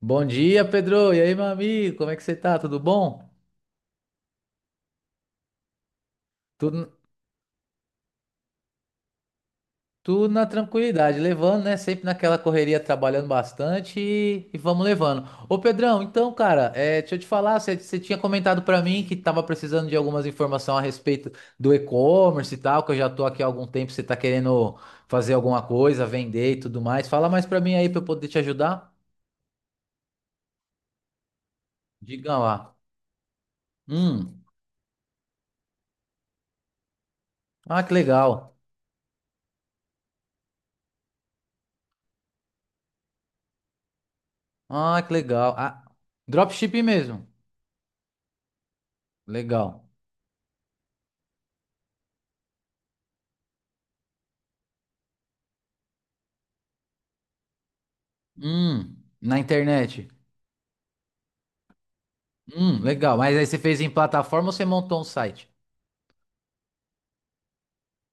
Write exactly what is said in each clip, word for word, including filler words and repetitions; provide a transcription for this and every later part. Bom dia, Pedro. E aí, meu amigo? Como é que você tá? Tudo bom? Tudo, tudo na tranquilidade, levando, né? Sempre naquela correria, trabalhando bastante e, e vamos levando. Ô, Pedrão, então, cara, é, deixa eu te falar, você, você tinha comentado pra mim que tava precisando de algumas informações a respeito do e-commerce e tal, que eu já tô aqui há algum tempo, você tá querendo fazer alguma coisa, vender e tudo mais. Fala mais pra mim aí pra eu poder te ajudar. Diga lá. Hum. Ah, que legal. Ah, que legal. Ah, dropshipping mesmo. Legal. Hum, na internet. Hum, legal. Mas aí você fez em plataforma ou você montou um site?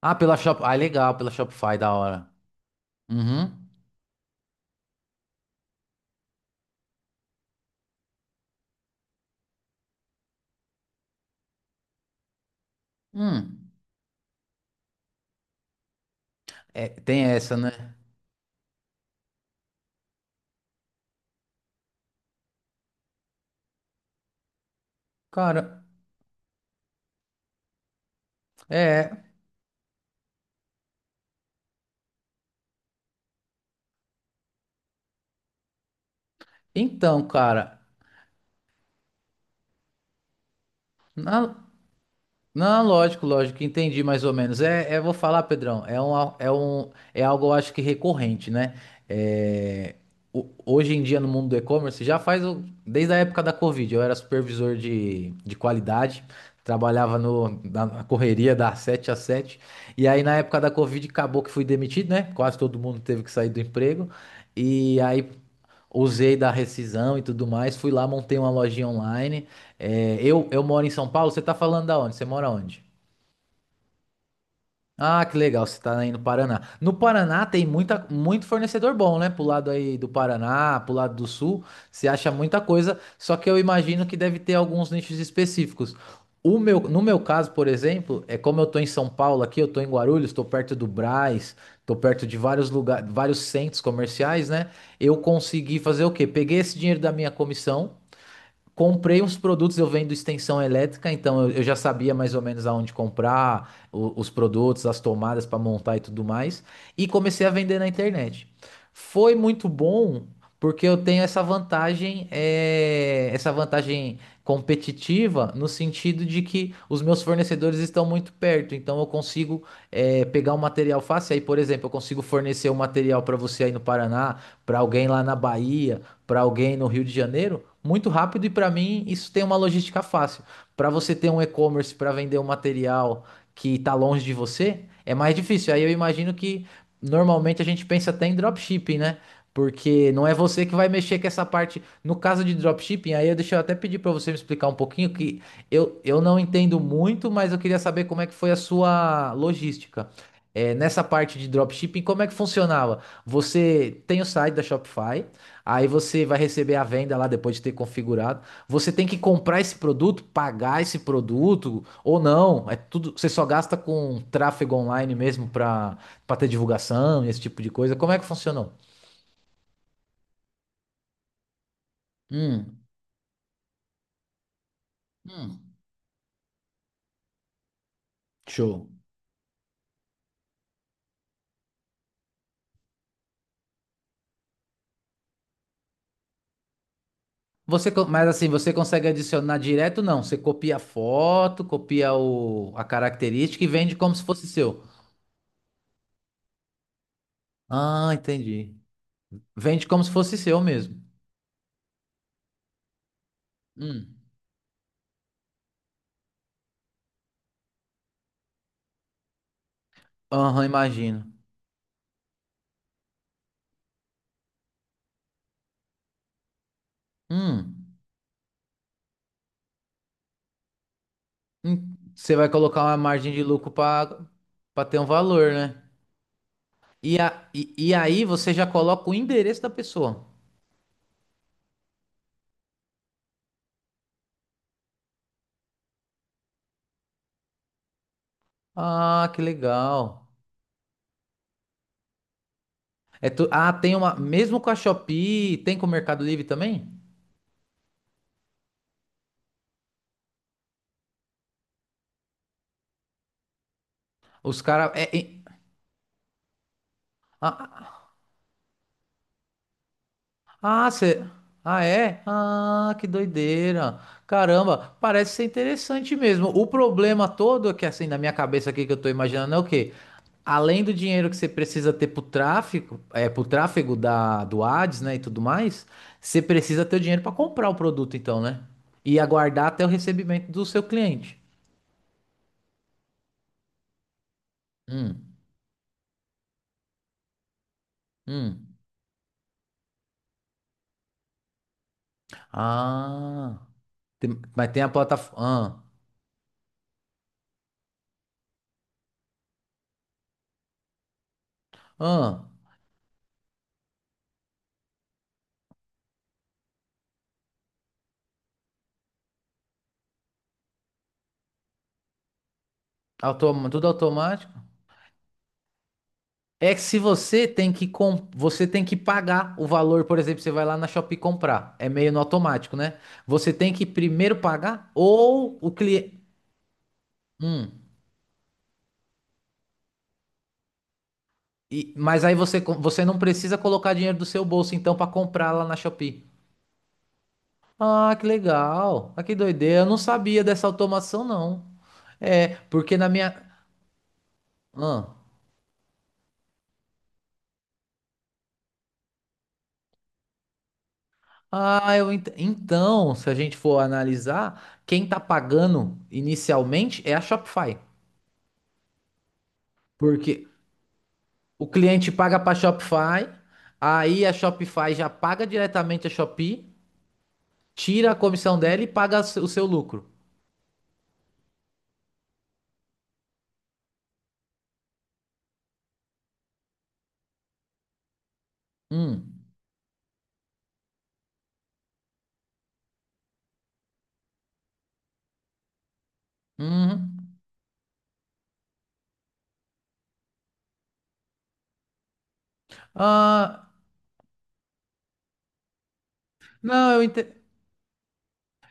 Ah, pela Shop... Ah, legal, pela Shopify, da hora. Uhum. Hum. É, tem essa, né? Cara, é. Então, cara, na- Não, lógico, lógico, entendi mais ou menos. É, é, vou falar, Pedrão, é um, al- é um, é algo eu acho que recorrente, né? É, o- hoje em dia no mundo do e-commerce já faz o- desde a época da Covid. Eu era supervisor de, de qualidade, trabalhava no, na, na correria das sete às sete. E aí na época da Covid acabou que fui demitido, né? Quase todo mundo teve que sair do emprego. E aí usei da rescisão e tudo mais, fui lá, montei uma lojinha online. é, eu, eu moro em São Paulo, você tá falando da onde? Você mora onde? Ah, que legal, você tá aí no Paraná. No Paraná tem muita, muito fornecedor bom, né? Pro lado aí do Paraná, pro lado do Sul, você acha muita coisa, só que eu imagino que deve ter alguns nichos específicos. O meu, no meu caso, por exemplo, é como eu tô em São Paulo aqui, eu tô em Guarulhos, tô perto do Brás, tô perto de vários lugares, vários centros comerciais, né? Eu consegui fazer o quê? Peguei esse dinheiro da minha comissão. Comprei uns produtos, eu vendo extensão elétrica, então eu, eu já sabia mais ou menos aonde comprar, o- os produtos, as tomadas para montar e tudo mais, e comecei a vender na internet. Foi muito bom, porque eu tenho essa vantagem, é, essa vantagem competitiva, no sentido de que os meus fornecedores estão muito perto, então eu consigo, é, pegar o material fácil. Aí, por exemplo, eu consigo fornecer o material para você aí no Paraná, para alguém lá na Bahia, para alguém no Rio de Janeiro muito rápido e para mim isso tem uma logística fácil. Para você ter um e-commerce para vender um material que está longe de você, é mais difícil. Aí eu imagino que normalmente a gente pensa até em dropshipping, né? Porque não é você que vai mexer com essa parte. No caso de dropshipping, aí eu deixa eu até pedir para você me explicar um pouquinho que eu, eu não entendo muito, mas eu queria saber como é que foi a sua logística. É, nessa parte de dropshipping, como é que funcionava? Você tem o site da Shopify. Aí você vai receber a venda lá depois de ter configurado. Você tem que comprar esse produto, pagar esse produto ou não. É tudo, você só gasta com tráfego online mesmo para para ter divulgação e esse tipo de coisa. Como é que funcionou? Hum, hum, show. Você, co- mas assim, você consegue adicionar direto? Não, você copia a foto, copia o, a característica e vende como se fosse seu. Ah, entendi. Vende como se fosse seu mesmo. Hum. Aham, imagino. Hum. Hum, você vai colocar uma margem de lucro para para ter um valor, né? E, a, e, e aí você já coloca o endereço da pessoa. Ah, que legal. É tu, ah, tem uma. Mesmo com a Shopee, tem com o Mercado Livre também? Os caras. Ah, cê... ah, é? Ah, que doideira. Caramba, parece ser interessante mesmo. O problema todo é que assim na minha cabeça aqui que eu tô imaginando é o quê? Além do dinheiro que você precisa ter pro tráfico, é, pro tráfego da, do Ads, né, e tudo mais, você precisa ter o dinheiro para comprar o produto então, né? E aguardar até o recebimento do seu cliente. Hum, hum. Ah, tem- mas tem a plataforma. Ah, ah, automa- tudo automático? É que se você tem que com... você tem que pagar o valor, por exemplo, você vai lá na Shopee comprar. É meio no automático, né? Você tem que primeiro pagar ou o cliente. Hum. E- Mas aí você, co- você não precisa colocar dinheiro do seu bolso, então, para comprar lá na Shopee. Ah, que legal. Ah, que doideira. Eu não sabia dessa automação, não. É, porque na minha. Ah, ah, eu ent- então, se a gente for analisar, quem tá pagando inicialmente é a Shopify. Porque o cliente paga para a Shopify, aí a Shopify já paga diretamente a Shopee, tira a comissão dela e paga o seu o seu lucro. Hum. Uhum. Ah, não, eu, ente-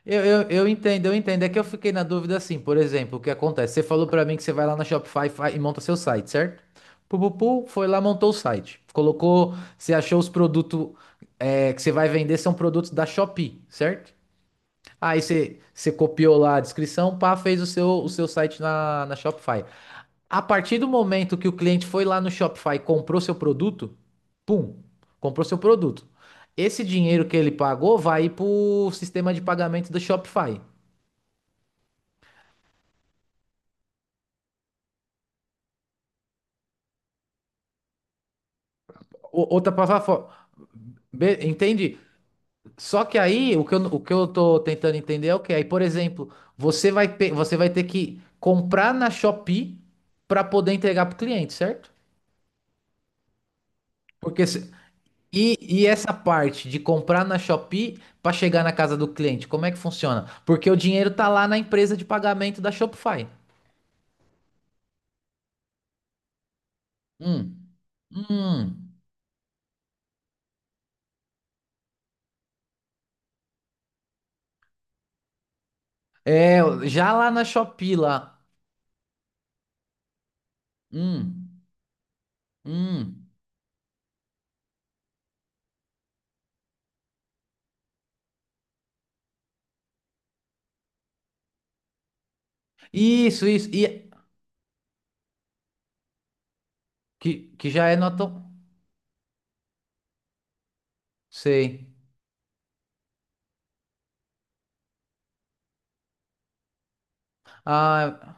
eu, eu, eu entendo, eu entendo. É que eu fiquei na dúvida assim, por exemplo, o que acontece? Você falou para mim que você vai lá na Shopify e fa- e monta seu site, certo? Pupupu, foi lá, montou o site. Colocou, você achou os produtos, é, que você vai vender são produtos da Shopee, certo? Aí você você copiou lá a descrição, pá, fez o seu, o seu site na, na Shopify. A partir do momento que o cliente foi lá no Shopify e comprou seu produto, pum, comprou seu produto. Esse dinheiro que ele pagou vai para o sistema de pagamento do Shopify. O- Outra plataforma. Be- Entende? Só que aí o que eu, o que eu tô tentando entender é o que? Aí, por exemplo, você vai, pe- você vai ter que comprar na Shopee para poder entregar pro cliente, certo? Porque se- E, e essa parte de comprar na Shopee para chegar na casa do cliente, como é que funciona? Porque o dinheiro tá lá na empresa de pagamento da Shopify. Hum, hum. É, já lá na Shopee lá. Hum, hum. Isso, isso. E que, que já é nota. Um. Sei. Ah,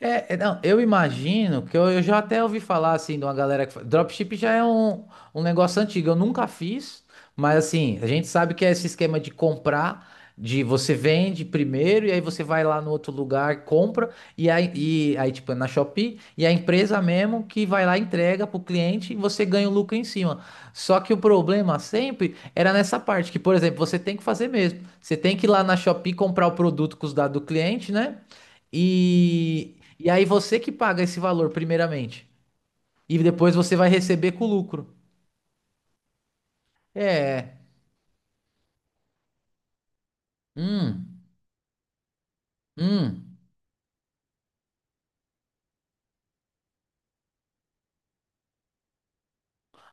É, é, não, eu imagino que eu, eu já até ouvi falar assim de uma galera que. fa- Dropship já é um, um negócio antigo, eu nunca fiz, mas assim, a gente sabe que é esse esquema de comprar, de você vende primeiro e aí você vai lá no outro lugar, compra, e aí, e, aí tipo, é na Shopee, e a empresa mesmo que vai lá, e entrega pro cliente e você ganha o lucro em cima. Só que o problema sempre era nessa parte, que, por exemplo, você tem que fazer mesmo. Você tem que ir lá na Shopee comprar o produto com os dados do cliente, né? E, e aí você que paga esse valor primeiramente. E depois você vai receber com lucro. É. Hum, hum.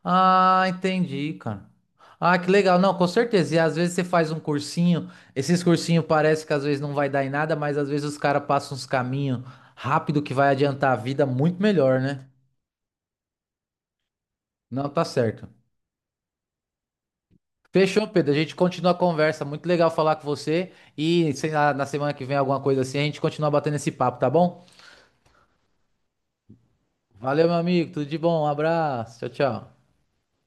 Ah, entendi, cara. Ah, que legal. Não, com certeza. E às vezes você faz um cursinho. Esses cursinhos parece que às vezes não vai dar em nada, mas às vezes os caras passam uns caminhos rápido que vai adiantar a vida muito melhor, né? Não, tá certo. Fechou, Pedro. A gente continua a conversa. Muito legal falar com você. E sei lá, na semana que vem, alguma coisa assim, a gente continua batendo esse papo, tá bom? Valeu, meu amigo. Tudo de bom. Um abraço. Tchau, tchau.